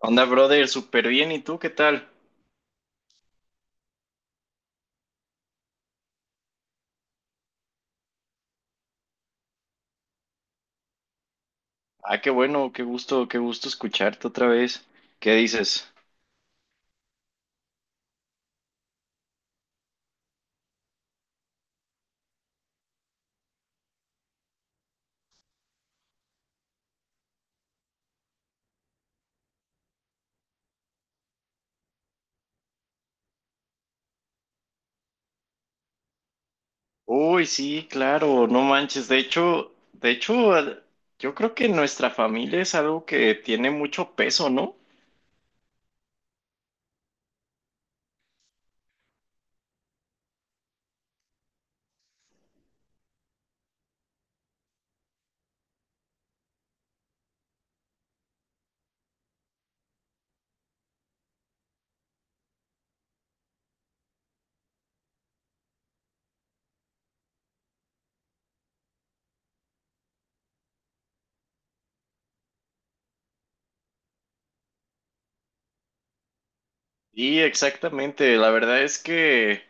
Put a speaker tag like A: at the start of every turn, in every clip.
A: Onda, brother, súper bien. ¿Y tú qué tal? Ah, qué bueno, qué gusto escucharte otra vez. ¿Qué dices? Uy, sí, claro, no manches. De hecho, yo creo que nuestra familia es algo que tiene mucho peso, ¿no? Y exactamente, la verdad es que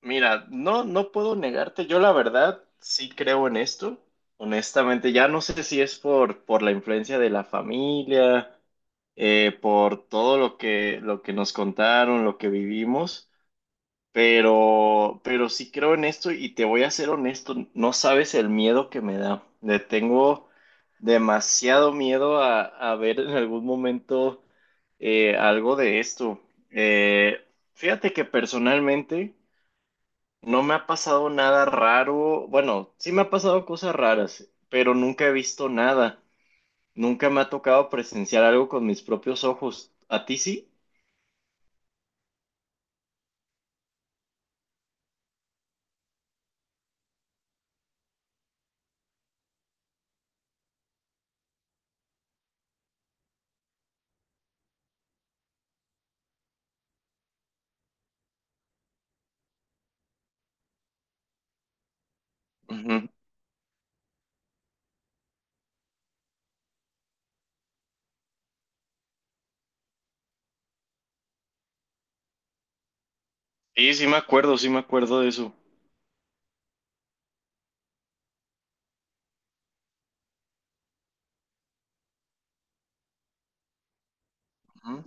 A: mira, no, no puedo negarte, yo la verdad sí creo en esto, honestamente, ya no sé si es por la influencia de la familia, por todo lo que nos contaron, lo que vivimos, pero sí creo en esto y te voy a ser honesto, no sabes el miedo que me da. Le tengo demasiado miedo a ver en algún momento algo de esto. Eh, fíjate que personalmente, no me ha pasado nada raro. Bueno, sí me ha pasado cosas raras, pero nunca he visto nada. Nunca me ha tocado presenciar algo con mis propios ojos. ¿A ti sí? Ujú. Sí, sí me acuerdo de eso. Ujú,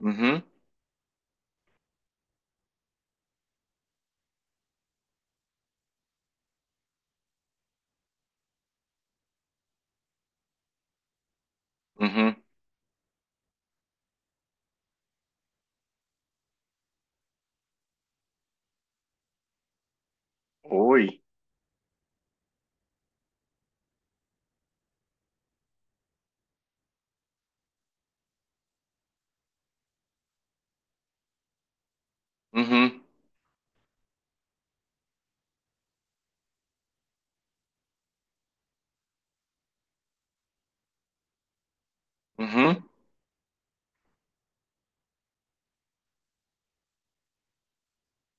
A: ujú, ujú. Uy. Ujú, ujú.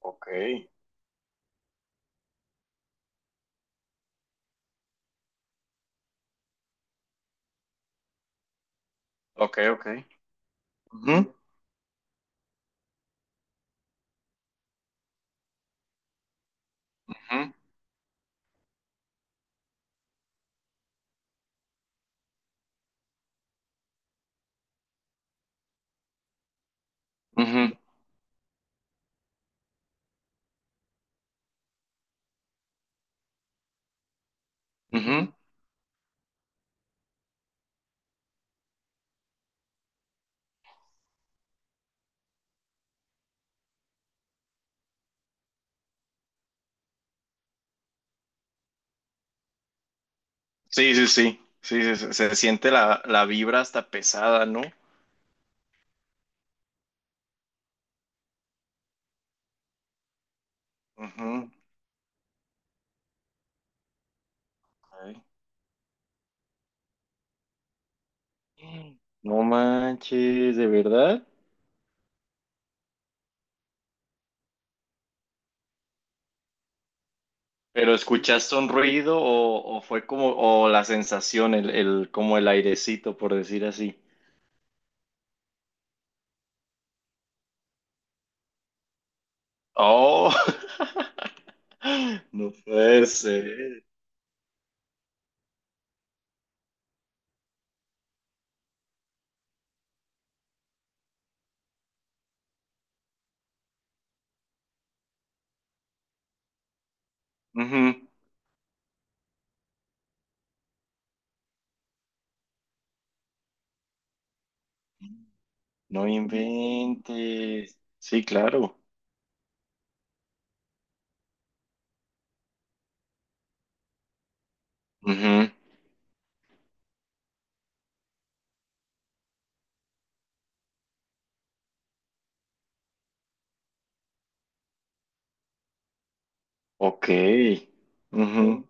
A: Ok, ok, ok. Ujú, ujú, ujú, ujú. Sí, sí, sí. Sí, siente la, la vibra hasta pesada, ¿no? Ujú, ok. No manches, ¿de verdad? ¿Pero escuchaste un ruido o fue como, o la sensación, el, como el airecito, por decir así? Oh, no puede ser. Ujú. No inventes. Sí, claro. Ujú. Ok. Ujú.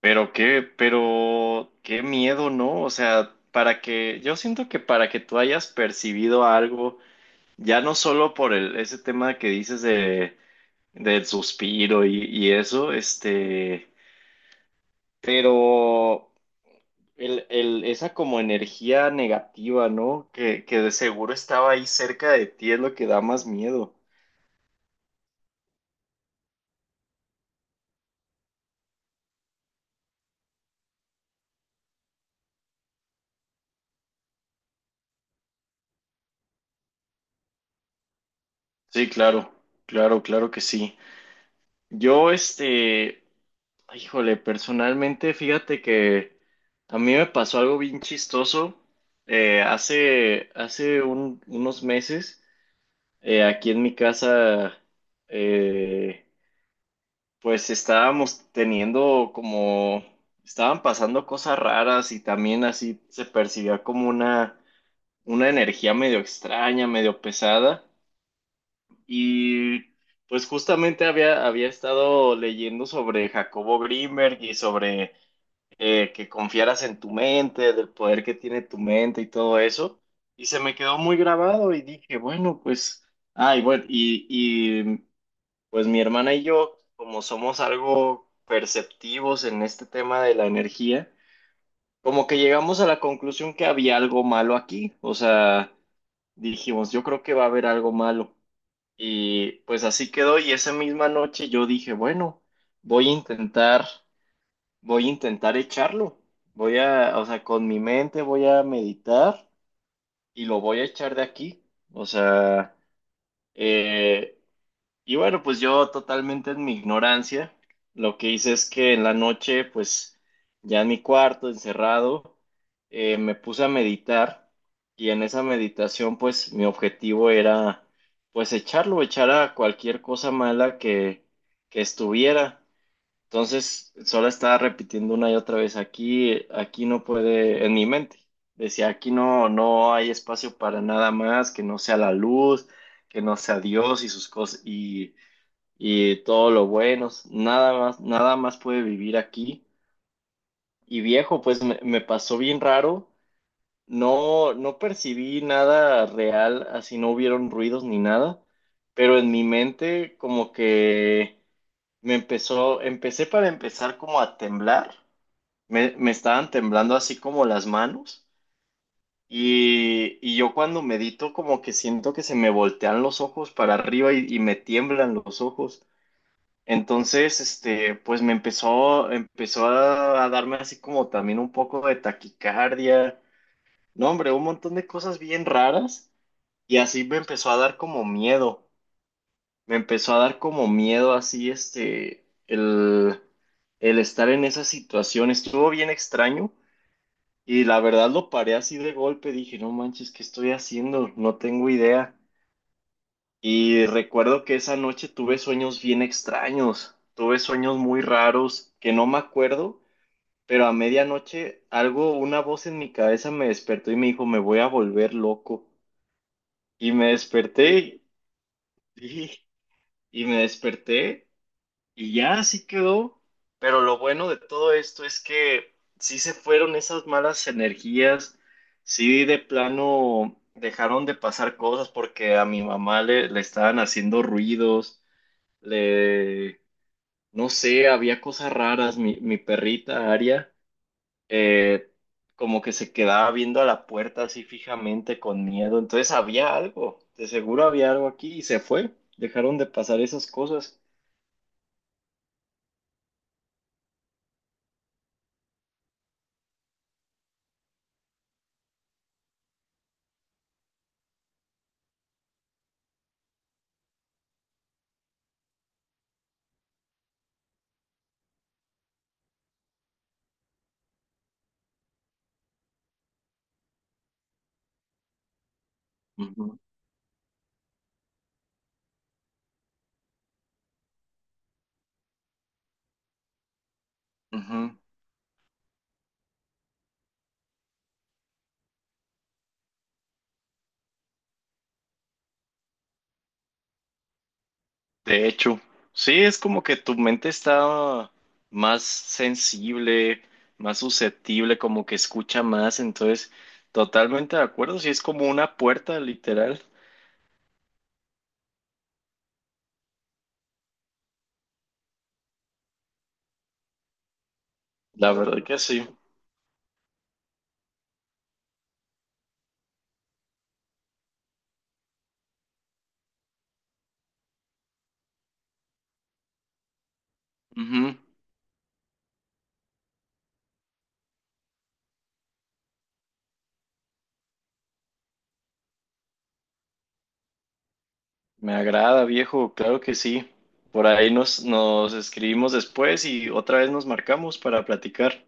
A: Pero qué miedo, ¿no? O sea, para que, yo siento que para que tú hayas percibido algo. Ya no solo por el, ese tema que dices de, del suspiro y eso, este, pero el, esa como energía negativa, ¿no? Que de seguro estaba ahí cerca de ti es lo que da más miedo. Sí, claro, claro, claro que sí. Yo, este, híjole, personalmente, fíjate que a mí me pasó algo bien chistoso hace, hace unos meses. Aquí en mi casa, eh, pues estábamos teniendo como, estaban pasando cosas raras y también así se percibía como una energía medio extraña, medio pesada. Y pues justamente había, había estado leyendo sobre Jacobo Grimberg y sobre que confiaras en tu mente, del poder que tiene tu mente y todo eso. Y se me quedó muy grabado y dije, bueno, pues, ay, bueno, y, pues mi hermana y yo, como somos algo perceptivos en este tema de la energía, como que llegamos a la conclusión que había algo malo aquí. O sea, dijimos, yo creo que va a haber algo malo. Y pues así quedó. Y esa misma noche yo dije, bueno, voy a intentar, voy a intentar echarlo. Voy a, o sea, con mi mente voy a meditar y lo voy a echar de aquí. O sea, eh, y bueno, pues yo totalmente en mi ignorancia, lo que hice es que en la noche, pues ya en mi cuarto, encerrado, me puse a meditar y en esa meditación, pues mi objetivo era, pues echarlo, echar a cualquier cosa mala que estuviera. Entonces, solo estaba repitiendo una y otra vez, aquí, aquí no puede, en mi mente, decía, aquí no, no hay espacio para nada más, que no sea la luz, que no sea Dios y sus cosas y todo lo bueno, nada más, nada más puede vivir aquí. Y viejo, pues me pasó bien raro, no, no percibí nada real, así no hubieron ruidos ni nada, pero en mi mente como que me empezó, empecé para empezar como a temblar, me estaban temblando así como las manos. Y yo cuando medito como que siento que se me voltean los ojos para arriba y me tiemblan los ojos. Entonces, este, pues me empezó, empezó a darme así como también un poco de taquicardia, no, hombre, un montón de cosas bien raras y así me empezó a dar como miedo, me empezó a dar como miedo así, este, el estar en esa situación, estuvo bien extraño y la verdad lo paré así de golpe, dije, no manches, ¿qué estoy haciendo? No tengo idea. Y recuerdo que esa noche tuve sueños bien extraños, tuve sueños muy raros que no me acuerdo, pero a medianoche algo, una voz en mi cabeza me despertó y me dijo, me voy a volver loco. Y me desperté y, y me desperté y ya así quedó. Pero lo bueno de todo esto es que sí se fueron esas malas energías, sí de plano dejaron de pasar cosas porque a mi mamá le, le estaban haciendo ruidos. Le, no sé, había cosas raras. Mi perrita Aria, eh, como que se quedaba viendo a la puerta así fijamente con miedo. Entonces había algo, de seguro había algo aquí y se fue. Dejaron de pasar esas cosas. Ujú, ujú. De hecho, sí, es como que tu mente está más sensible, más susceptible, como que escucha más. Entonces, totalmente de acuerdo. Sí, es como una puerta, literal. La verdad que sí. Ujú. Me agrada, viejo, claro que sí. Por ahí nos, nos escribimos después y otra vez nos marcamos para platicar.